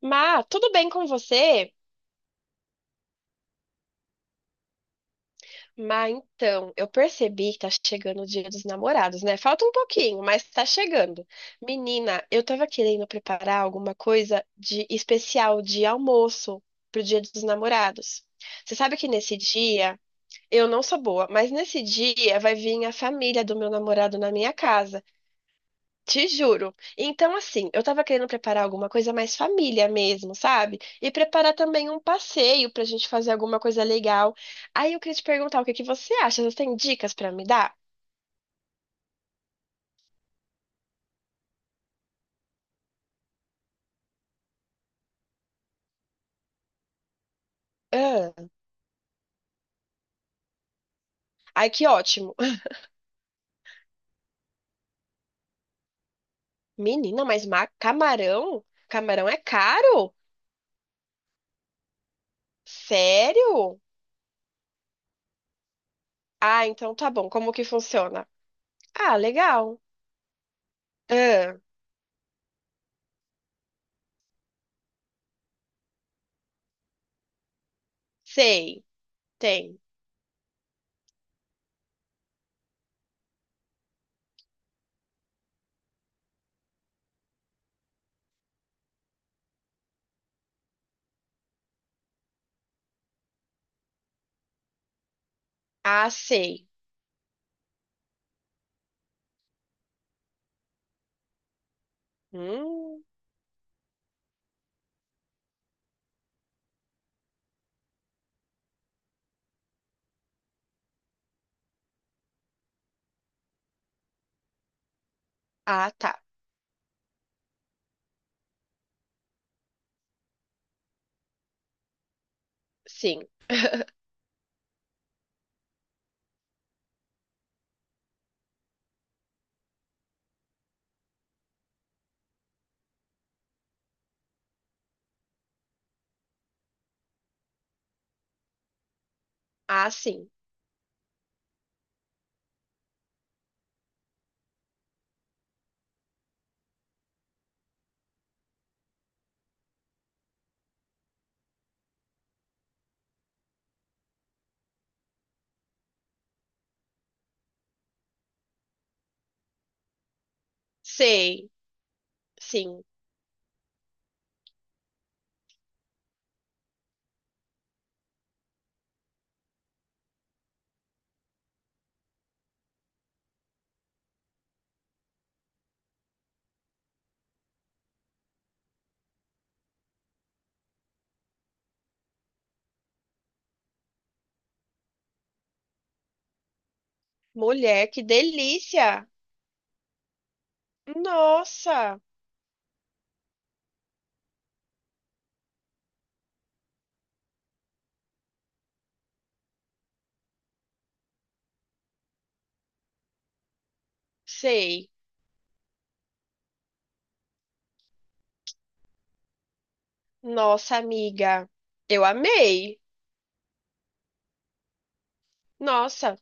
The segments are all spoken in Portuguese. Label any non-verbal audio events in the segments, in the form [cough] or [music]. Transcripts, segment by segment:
Má, tudo bem com você? Má, então, eu percebi que tá chegando o Dia dos Namorados, né? Falta um pouquinho, mas tá chegando. Menina, eu tava querendo preparar alguma coisa de especial de almoço pro Dia dos Namorados. Você sabe que nesse dia, eu não sou boa, mas nesse dia vai vir a família do meu namorado na minha casa. Te juro. Então, assim, eu tava querendo preparar alguma coisa mais família mesmo, sabe? E preparar também um passeio pra gente fazer alguma coisa legal. Aí eu queria te perguntar o que que você acha? Você tem dicas pra me dar? Ah, ai, que ótimo. [laughs] Menina, mas camarão? Camarão é caro? Sério? Ah, então tá bom. Como que funciona? Ah, legal. Ah, sei. Tem. Ah, sei. Hum, ah, tá. Sim. Ah, sim. Sei. Sim. Mulher, que delícia! Nossa, sei. Nossa, amiga, eu amei. Nossa,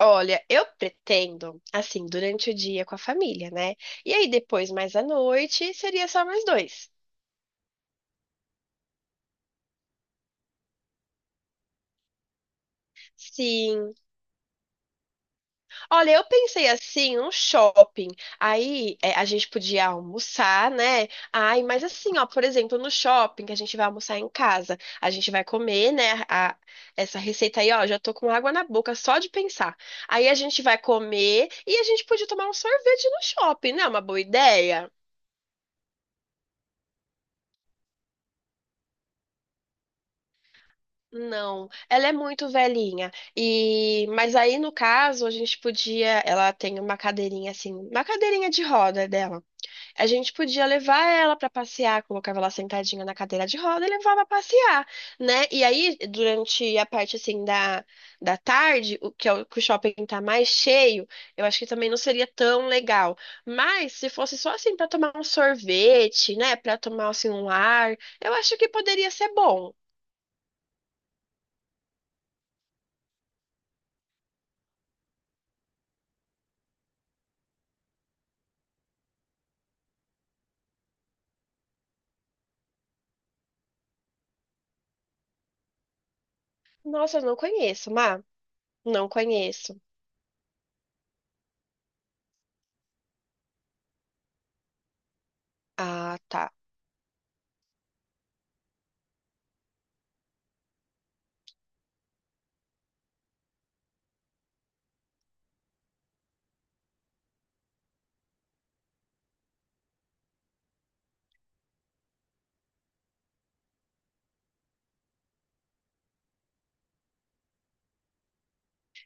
olha, eu pretendo, assim, durante o dia com a família, né? E aí depois, mais à noite, seria só mais dois. Sim, olha, eu pensei assim, um shopping. Aí é, a gente podia almoçar, né? Ai, mas assim, ó, por exemplo, no shopping que a gente vai almoçar em casa, a gente vai comer, né? Essa receita aí, ó, já tô com água na boca só de pensar. Aí a gente vai comer e a gente podia tomar um sorvete no shopping, né? Uma boa ideia? Não, ela é muito velhinha. E mas aí no caso a gente podia, ela tem uma cadeirinha assim, uma cadeirinha de roda dela. A gente podia levar ela para passear, colocava ela sentadinha na cadeira de roda e levava a passear, né? E aí, durante a parte assim da tarde, o que, é o que o shopping tá mais cheio, eu acho que também não seria tão legal. Mas se fosse só assim para tomar um sorvete, né, para tomar assim um ar, eu acho que poderia ser bom. Nossa, eu não conheço, Má. Não conheço. Ah, tá.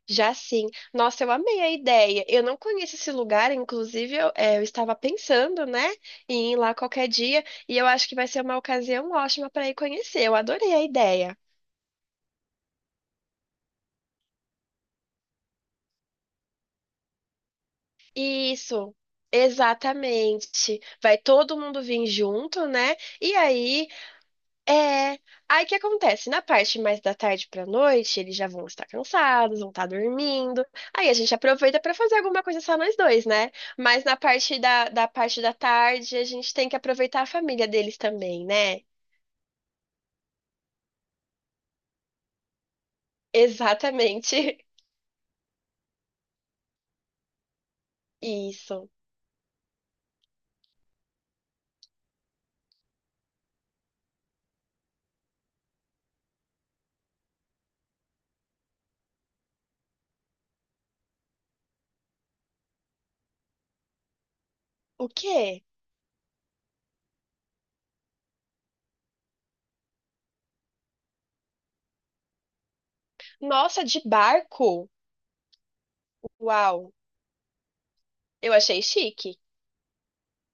Já sim. Nossa, eu amei a ideia. Eu não conheço esse lugar, inclusive eu, é, eu estava pensando, né, em ir lá qualquer dia, e eu acho que vai ser uma ocasião ótima para ir conhecer. Eu adorei a ideia. Isso, exatamente. Vai todo mundo vir junto, né? E aí é. Aí o que acontece? Na parte mais da tarde pra noite, eles já vão estar cansados, vão estar dormindo. Aí a gente aproveita pra fazer alguma coisa só nós dois, né? Mas na parte da parte da tarde, a gente tem que aproveitar a família deles também, né? Exatamente. [laughs] Isso. O quê? Nossa, de barco? Uau, eu achei chique.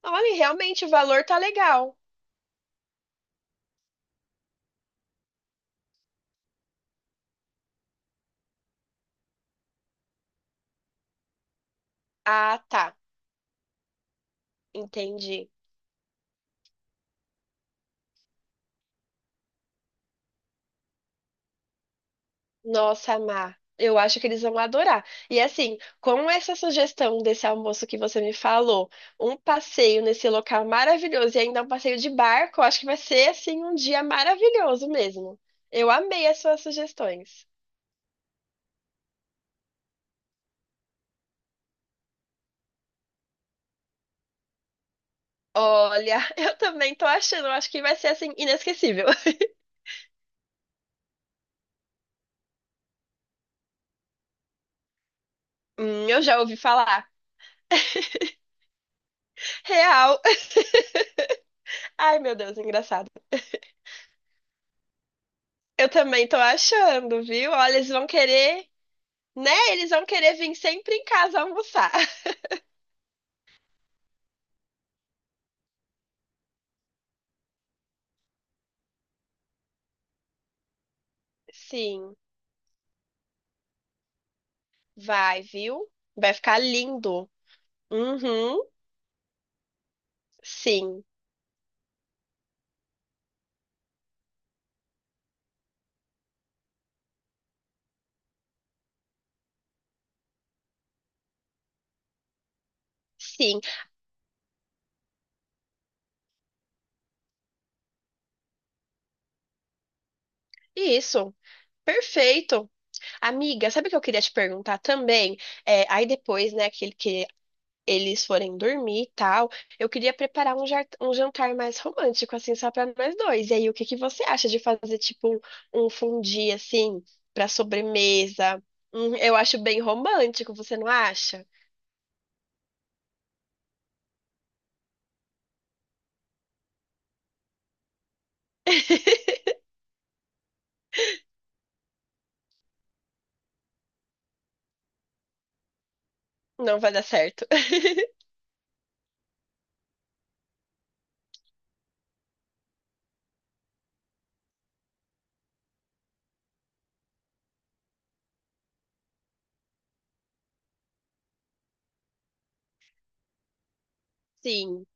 Olha, realmente o valor tá legal. Ah, tá. Entendi. Nossa, Má, eu acho que eles vão adorar. E assim, com essa sugestão desse almoço que você me falou, um passeio nesse local maravilhoso e ainda um passeio de barco, eu acho que vai ser assim um dia maravilhoso mesmo. Eu amei as suas sugestões. Olha, [laughs] eu também tô achando, eu acho que vai ser assim inesquecível. [laughs] Eu já ouvi falar. [laughs] Real. [laughs] Ai, meu Deus, engraçado. Eu também tô achando, viu? Olha, eles vão querer. Né? Eles vão querer vir sempre em casa almoçar. [laughs] Sim, vai, viu? Vai ficar lindo. Uhum, sim, sim. Isso. Perfeito. Amiga, sabe o que eu queria te perguntar também? É, aí depois, né, que eles forem dormir e tal, eu queria preparar um, um jantar mais romântico, assim, só para nós dois. E aí, o que que você acha de fazer, tipo, um fondue, assim, para sobremesa? Eu acho bem romântico, você não acha? Não vai dar certo. [laughs] Sim.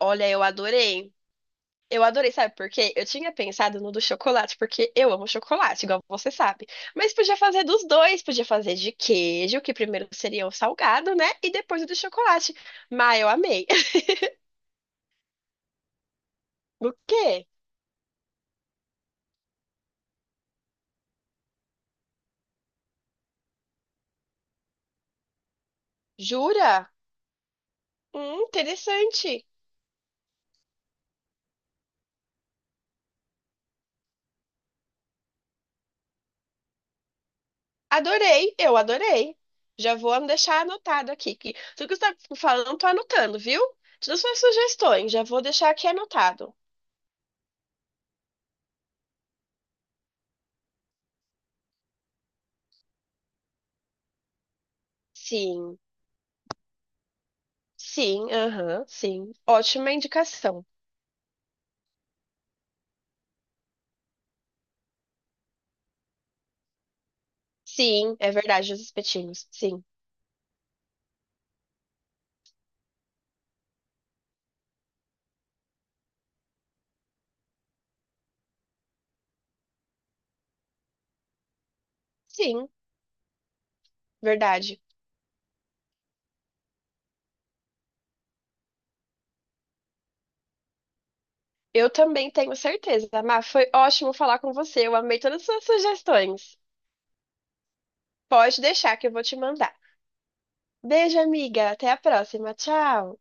Olha, eu adorei. Eu adorei, sabe por quê? Eu tinha pensado no do chocolate, porque eu amo chocolate, igual você sabe. Mas podia fazer dos dois, podia fazer de queijo, que primeiro seria o salgado, né? E depois o do chocolate. Mas eu amei. [laughs] O quê? Jura? Interessante. Adorei, eu adorei. Já vou deixar anotado aqui. Que tudo que você está falando, tô anotando, viu? Todas as suas sugestões, já vou deixar aqui anotado. Sim. Sim, aham, sim. Ótima indicação. Sim, é verdade, os espetinhos. Sim, sim, verdade. Eu também tenho certeza, Má. Foi ótimo falar com você. Eu amei todas as suas sugestões. Pode deixar que eu vou te mandar. Beijo, amiga. Até a próxima. Tchau.